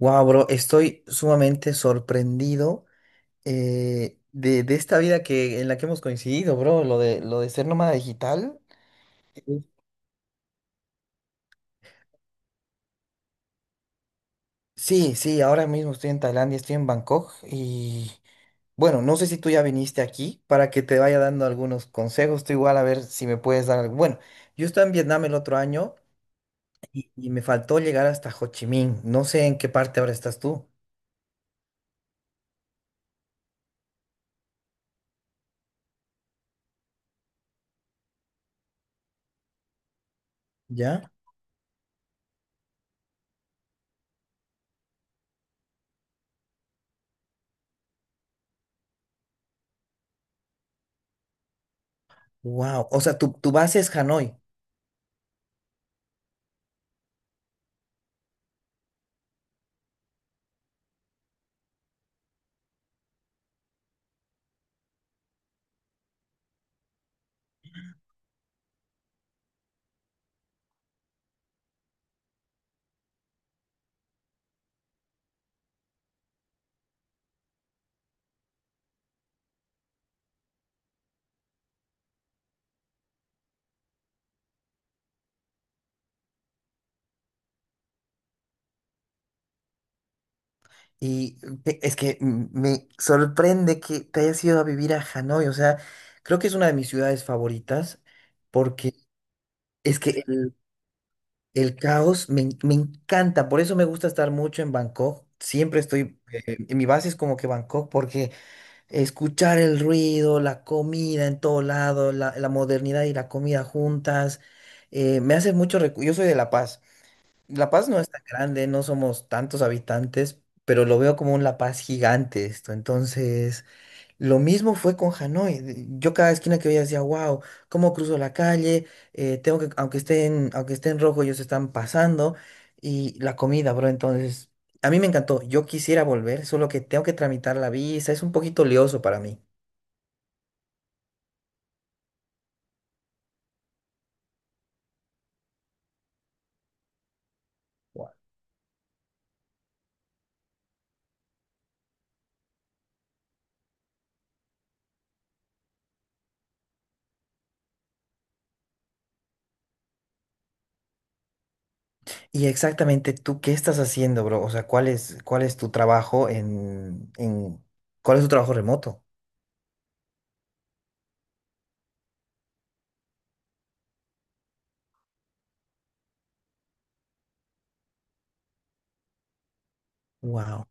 Wow, bro, estoy sumamente sorprendido de esta vida que, en la que hemos coincidido, bro. Lo de ser nómada digital. Sí, sí, ahora mismo estoy en Tailandia, estoy en Bangkok y bueno, no sé si tú ya viniste aquí para que te vaya dando algunos consejos. Tú igual a ver si me puedes dar algo. Bueno, yo estaba en Vietnam el otro año y me faltó llegar hasta Ho Chi Minh. No sé en qué parte ahora estás tú. ¿Ya? Wow. O sea, tu base es Hanoi. Y es que me sorprende que te hayas ido a vivir a Hanoi. O sea, creo que es una de mis ciudades favoritas porque es que el caos me, me encanta. Por eso me gusta estar mucho en Bangkok. Siempre estoy, en mi base es como que Bangkok porque escuchar el ruido, la comida en todo lado, la modernidad y la comida juntas, me hace mucho yo soy de La Paz. La Paz no es tan grande, no somos tantos habitantes, pero lo veo como un La Paz gigante esto. Entonces, lo mismo fue con Hanoi. Yo cada esquina que veía decía, wow, ¿cómo cruzo la calle? Tengo que, aunque estén, aunque esté en rojo, ellos están pasando. Y la comida, bro, entonces, a mí me encantó. Yo quisiera volver, solo que tengo que tramitar la visa. Es un poquito lioso para mí. Y exactamente tú, ¿qué estás haciendo, bro? O sea, cuál es tu trabajo en, cuál es tu trabajo remoto? Wow.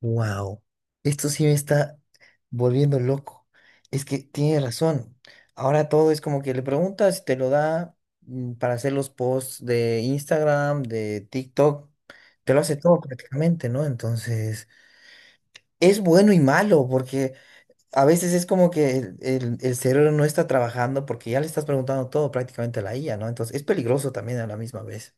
Wow, esto sí me está volviendo loco. Es que tiene razón. Ahora todo es como que le preguntas y te lo da para hacer los posts de Instagram, de TikTok. Te lo hace todo prácticamente, ¿no? Entonces, es bueno y malo porque a veces es como que el, el cerebro no está trabajando porque ya le estás preguntando todo prácticamente a la IA, ¿no? Entonces, es peligroso también a la misma vez.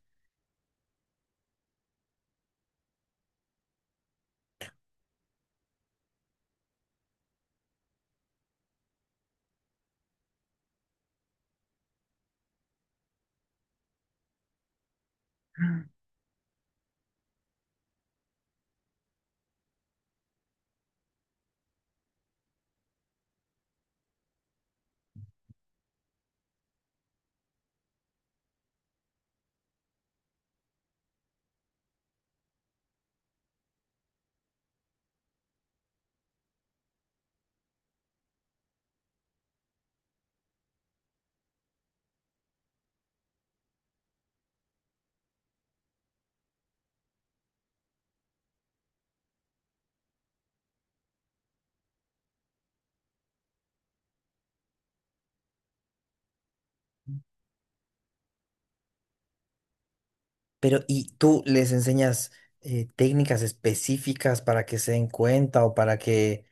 Pero, ¿y tú les enseñas técnicas específicas para que se den cuenta o para que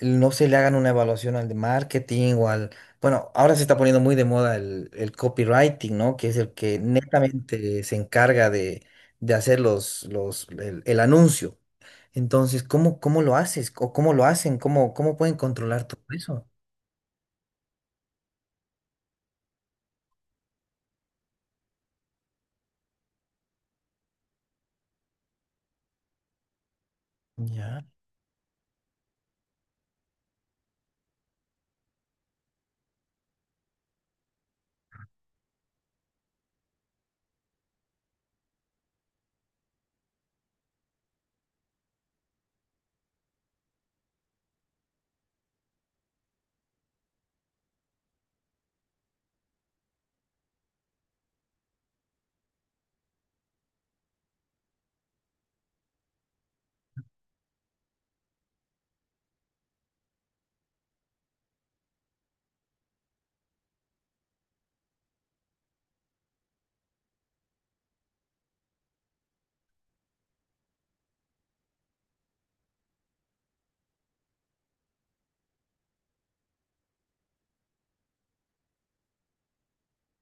no se le hagan una evaluación al de marketing o al... Bueno, ahora se está poniendo muy de moda el copywriting, ¿no? Que es el que netamente se encarga de hacer los, el anuncio. Entonces, ¿cómo, cómo lo haces? ¿O cómo lo hacen? ¿Cómo, cómo pueden controlar todo eso? Ya,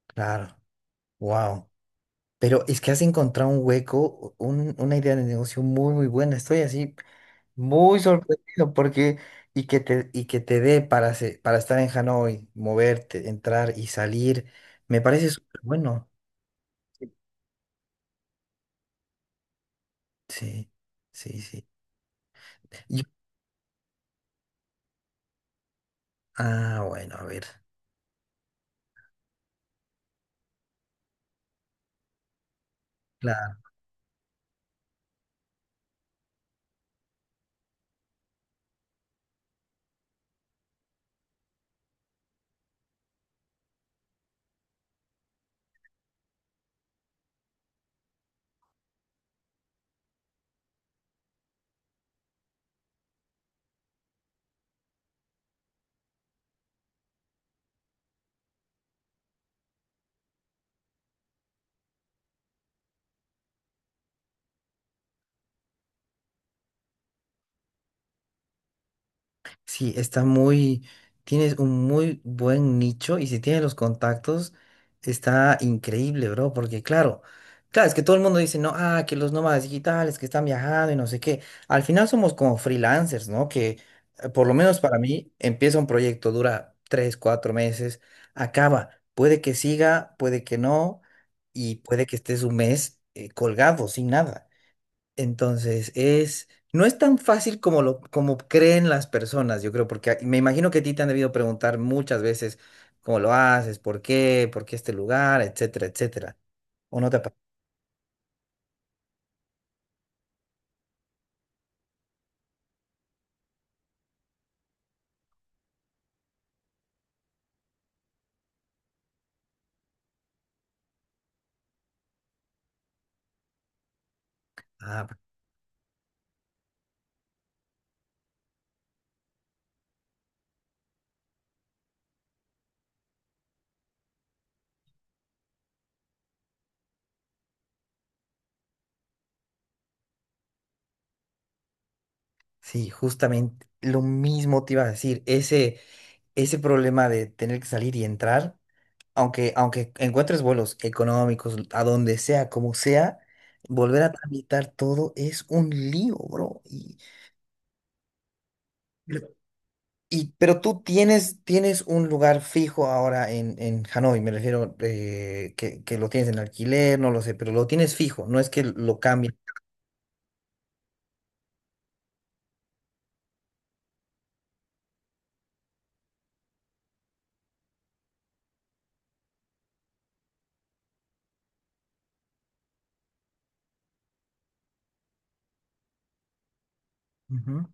claro. Wow. Pero es que has encontrado un hueco, una idea de negocio muy, muy buena. Estoy así muy sorprendido porque y que te dé para para estar en Hanoi, moverte, entrar y salir, me parece súper bueno. Sí, sí. Y- ah, bueno, a ver. Claro. Sí, está muy, tienes un muy buen nicho y si tienes los contactos, está increíble, bro, porque claro, claro, es que todo el mundo dice, no, ah, que los nómadas digitales que están viajando y no sé qué. Al final somos como freelancers, ¿no? Que por lo menos para mí empieza un proyecto, dura tres, cuatro meses, acaba. Puede que siga, puede que no, y puede que estés un mes colgado, sin nada. Entonces, es, no es tan fácil como lo, como creen las personas, yo creo, porque me imagino que a ti te han debido preguntar muchas veces cómo lo haces, por qué este lugar, etcétera, etcétera. ¿O no te ha ah, pues, sí, justamente lo mismo te iba a decir, ese problema de tener que salir y entrar, aunque, aunque encuentres vuelos económicos, a donde sea, como sea, volver a tramitar todo es un lío, bro. Pero tú tienes, tienes un lugar fijo ahora en Hanoi, me refiero que lo tienes en alquiler, no lo sé, pero lo tienes fijo, no es que lo cambies. Ujú,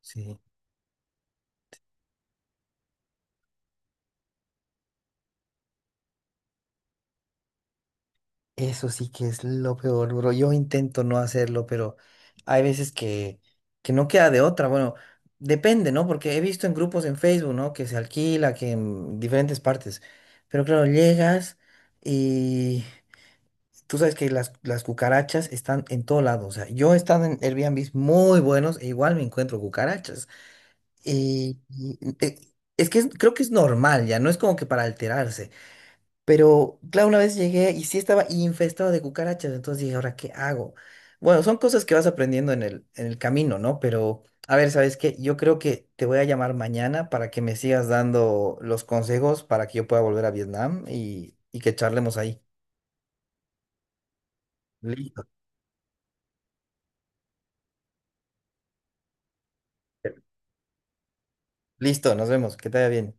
sí. Eso sí que es lo peor, bro. Yo intento no hacerlo, pero hay veces que no queda de otra. Bueno, depende, ¿no? Porque he visto en grupos en Facebook, ¿no? Que se alquila, que en diferentes partes. Pero claro, llegas y tú sabes que las cucarachas están en todo lado. O sea, yo he estado en Airbnb muy buenos e igual me encuentro cucarachas. Y, y- eh, es que creo que es normal ya, no es como que para alterarse. Pero claro, una vez llegué y sí estaba infestado de cucarachas. Entonces dije, ¿ahora qué hago? Bueno, son cosas que vas aprendiendo en el camino, ¿no? Pero a ver, ¿sabes qué? Yo creo que te voy a llamar mañana para que me sigas dando los consejos para que yo pueda volver a Vietnam y que charlemos ahí. Listo. Listo, nos vemos. Que te vaya bien.